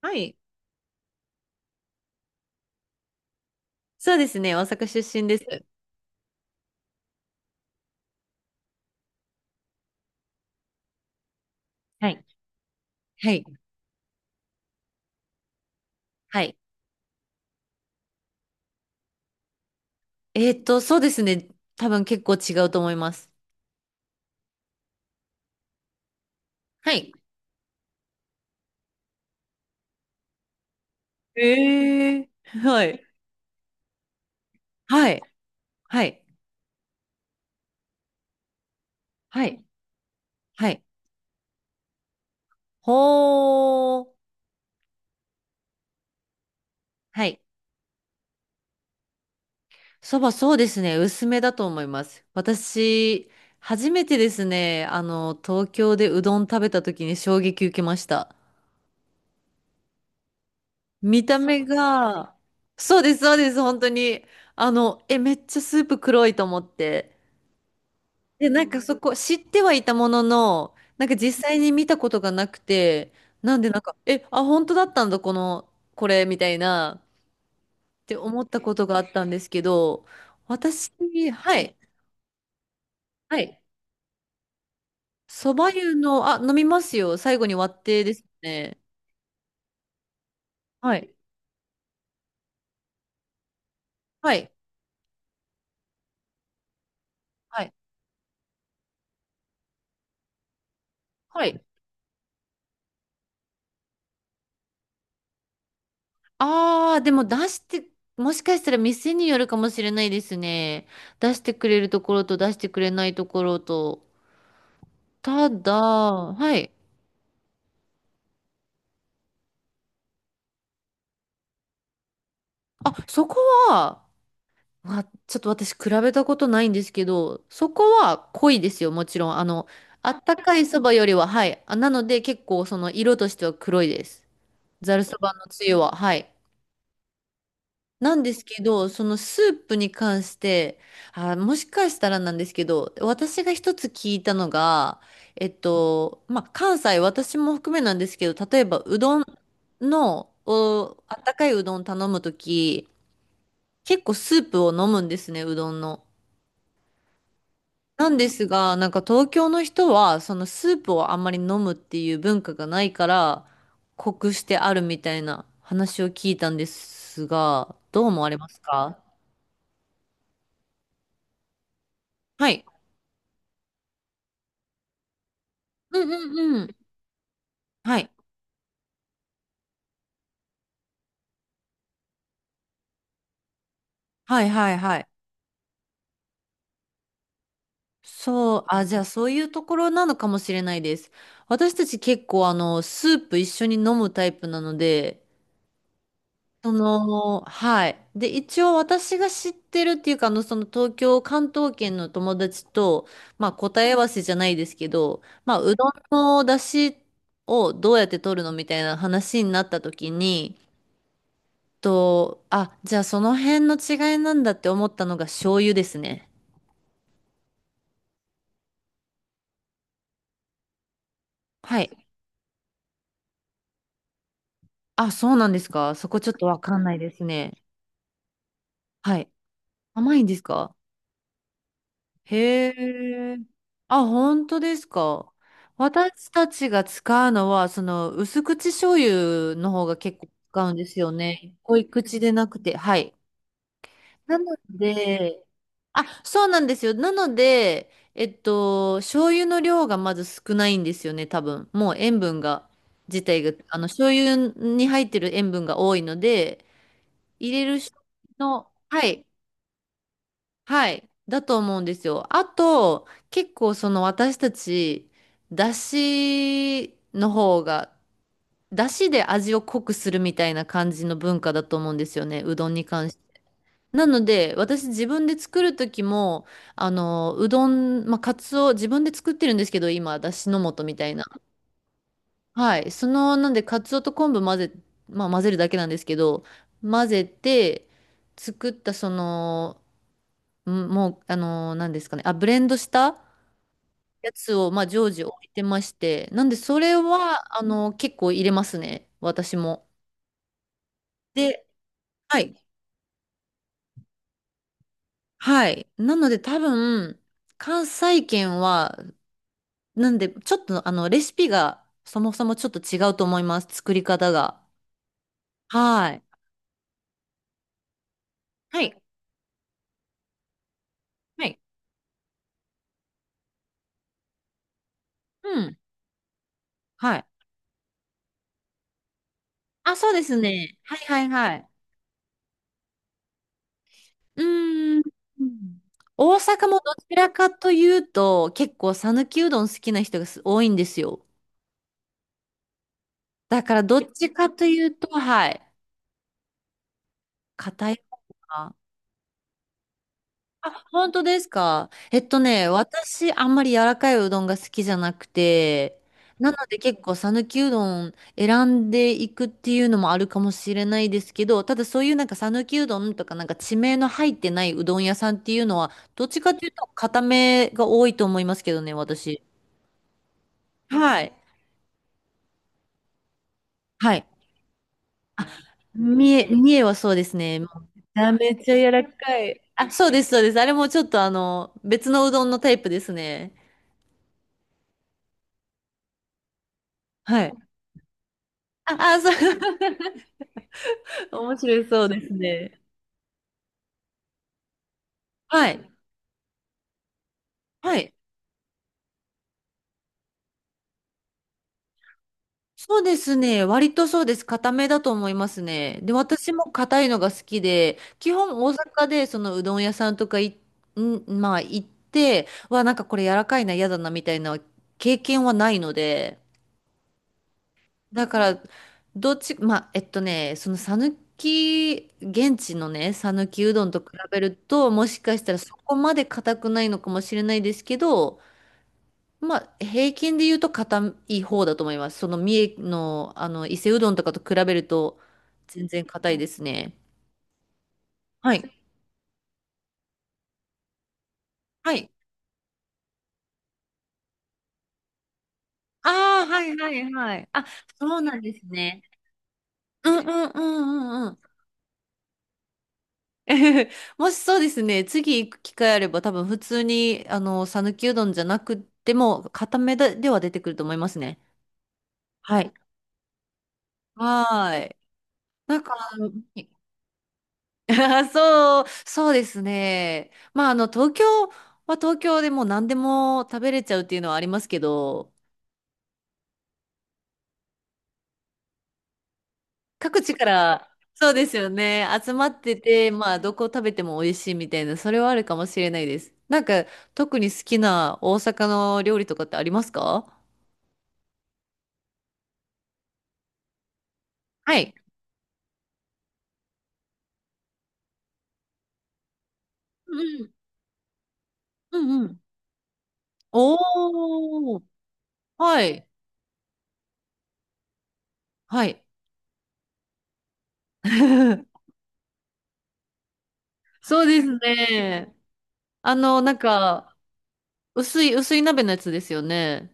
はい。そうですね。大阪出身です。はい。はい。はい。そうですね。多分結構違うと思います。はい。ええ、はい。はい。はい。はい。はい。ほー。はい。そうですね。薄めだと思います。私、初めてですね、あの、東京でうどん食べた時に衝撃受けました。見た目が、そうです、そうです、本当に。あの、え、めっちゃスープ黒いと思って。で、なんかそこ、知ってはいたものの、なんか実際に見たことがなくて、なんでなんか、え、あ、本当だったんだ、この、これ、みたいな、って思ったことがあったんですけど、私、はい、はい。そば湯の、あ、飲みますよ。最後に割ってですね。はい、はい、はい、はい。でも出して、もしかしたら店によるかもしれないですね。出してくれるところと出してくれないところと。ただ、はい。あ、そこは、まあ、ちょっと私比べたことないんですけど、そこは濃いですよ、もちろん。あの、あったかいそばよりは、はい。あ、なので結構その色としては黒いです。ざるそばのつゆは、はい。なんですけど、そのスープに関して、あ、もしかしたらなんですけど、私が一つ聞いたのが、えっと、まあ、関西、私も含めなんですけど、例えばうどんの、お、あったかいうどん頼むとき、結構スープを飲むんですね、うどんの。なんですが、なんか東京の人は、そのスープをあんまり飲むっていう文化がないから、濃くしてあるみたいな話を聞いたんですが、どう思われますか？はい。うんうんうん。はい。はいはいはい。そう、あ、じゃあそういうところなのかもしれないです。私たち結構あの、スープ一緒に飲むタイプなので、その、はい。で、一応私が知ってるっていうか、あの、その東京、関東圏の友達と、まあ、答え合わせじゃないですけど、まあ、うどんの出汁をどうやって取るのみたいな話になった時に、と、あ、じゃあその辺の違いなんだって思ったのが醤油ですね。はい。あ、そうなんですか。そこちょっとわかんないですね。はい。甘いんですか？へえ。あ、本当ですか。私たちが使うのは、その、薄口醤油の方が結構使うんですよね。濃い口でなくて。はい。なので、あ、そうなんですよ。なので、えっと、醤油の量がまず少ないんですよね、多分。もう塩分が、自体が、あの、醤油に入ってる塩分が多いので、入れる人の、はい。はい。だと思うんですよ。あと、結構その私たち、だしの方が、だしで味を濃くするみたいな感じの文化だと思うんですよね。うどんに関して。なので、私自分で作る時も、あの、うどん、まあ、カツオ、自分で作ってるんですけど、今、だしの素みたいな。はい。その、なんで、カツオと昆布混ぜ、まあ、混ぜるだけなんですけど、混ぜて、作ったその、うん、もう、あのー、何ですかね。あ、ブレンドしたやつを、まあ、常時置いてまして。なんで、それは、あのー、結構入れますね。私も。で、はい。はい。なので、多分、関西圏は、なんで、ちょっと、あの、レシピが、そもそもちょっと違うと思います。作り方が。はい。はい。はい。うん。はい。あ、そうですね。はいはいはい。うーん。大阪もどちらかというと、結構讃岐うどん好きな人がす多いんですよ。だからどっちかというと、はい、硬い方が。あ、本当ですか。えっとね、私、あんまり柔らかいうどんが好きじゃなくて、なので結構讃岐うどん選んでいくっていうのもあるかもしれないですけど、ただそういうなんか讃岐うどんとかなんか地名の入ってないうどん屋さんっていうのは、どっちかというと硬めが多いと思いますけどね、私。はい。はい。あ、三重はそうですね。もうめちゃめちゃ柔らかい。あ、そうです、そうです。あれもちょっとあの、別のうどんのタイプですね。はい。あ、あ、そう、面白い、そうですね。はい。はい。そうですね。割とそうです。固めだと思いますね。で、私も硬いのが好きで、基本大阪でそのうどん屋さんとかい、ん、まあ行って、わ、なんかこれ柔らかいな、嫌だな、みたいな経験はないので、だから、どっち、まあ、えっとね、その讃岐、現地のね、讃岐うどんと比べると、もしかしたらそこまで硬くないのかもしれないですけど、まあ、平均で言うと硬い方だと思います。その三重の、あの、伊勢うどんとかと比べると、全然硬いですね。はい。はい。ああ、はいはいはい。あ、そうなんですね。うんうんうんうんうん。もしそうですね、次行く機会あれば多分普通に、あの、讃岐うどんじゃなくても、固めででは出てくると思いますね。はい。はーい。なんか、あそう、そうですね。まあ、あの、東京は東京でもう何でも食べれちゃうっていうのはありますけど、各地から、そうですよね、集まってて、まあ、どこ食べても美味しいみたいな、それはあるかもしれないです。なんか、特に好きな大阪の料理とかってありますか？はい。うんうん。うんうん。おー。はい。はい。そうですね。あの、なんか、薄い鍋のやつですよね。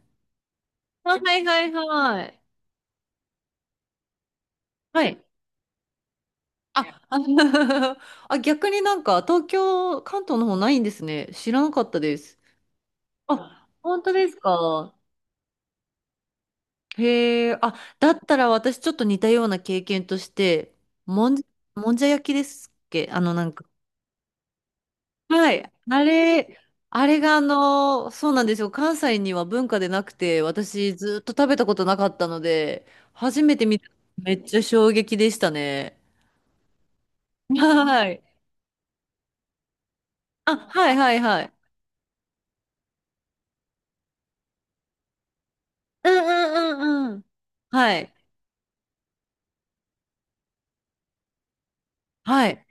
あ、はいはいはい。はい。あ、あ あ逆になんか、東京、関東の方ないんですね。知らなかったです。あ、本当ですか？へえ、あ、だったら私ちょっと似たような経験として、もんじもんじゃ焼きですっけ？あの、なんか、はい。あれ、あれがあの、そうなんですよ。関西には文化でなくて、私ずっと食べたことなかったので、初めて見た。めっちゃ衝撃でしたね。はい。あ、はいはいはい。うんうんうんうん。はい。はい。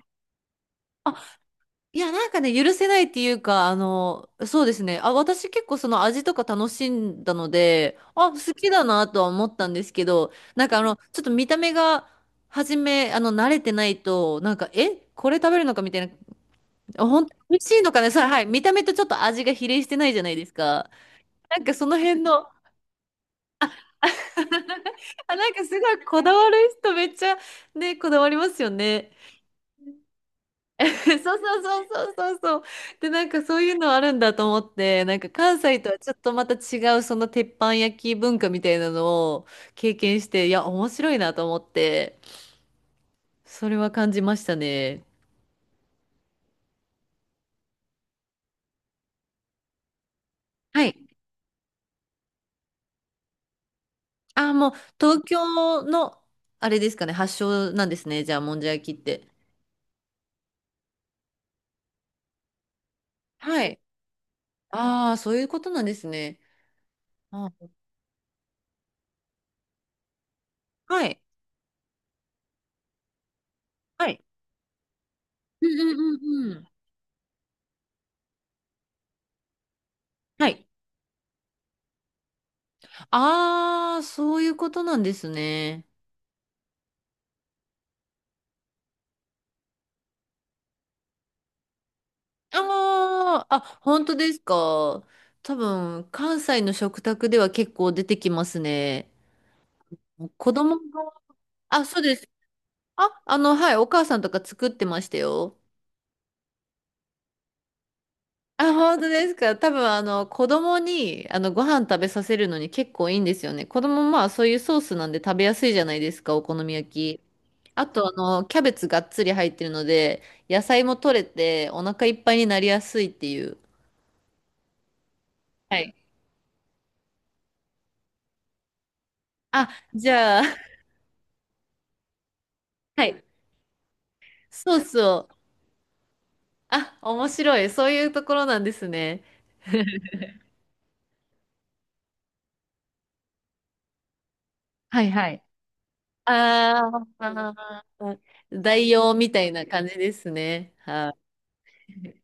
いや、なんかね、許せないっていうか、あの、そうですね。あ、私結構その味とか楽しんだので、あ、好きだなとは思ったんですけど、なんかあの、ちょっと見た目が、はじめ、あの、慣れてないと、なんか、え、これ食べるのかみたいな、本当美味しいのかね、さはい、見た目とちょっと味が比例してないじゃないですか。なんかその辺の、あ、なんかすごいこだわる人めっちゃね、こだわりますよね。そうそうそうそうそうそう。で、なんかそういうのあるんだと思って、なんか関西とはちょっとまた違うその鉄板焼き文化みたいなのを経験して、いや、面白いなと思って、それは感じましたね。はい。あ、もう東京の、あれですかね、発祥なんですね。じゃあ、もんじゃ焼きって。はい。ああ、そういうことなんですね。あ、はい。はい。うんうんうんうん。はい。ああ、そういうことなんですね。ああ、あ、本当ですか。多分、関西の食卓では結構出てきますね。子供が、あ、そうです。あ、あの、はい、お母さんとか作ってましたよ。あ、本当ですか。多分、あの、子供に、あの、ご飯食べさせるのに結構いいんですよね。子供、まあ、そういうソースなんで食べやすいじゃないですか、お好み焼き。あと、あの、キャベツがっつり入ってるので、野菜も取れて、お腹いっぱいになりやすいっていう。はい。あ、じゃあ、はい。ソースをあ、面白い。そういうところなんですね。はいはい。あーあー、代用みたいな感じですね。はい。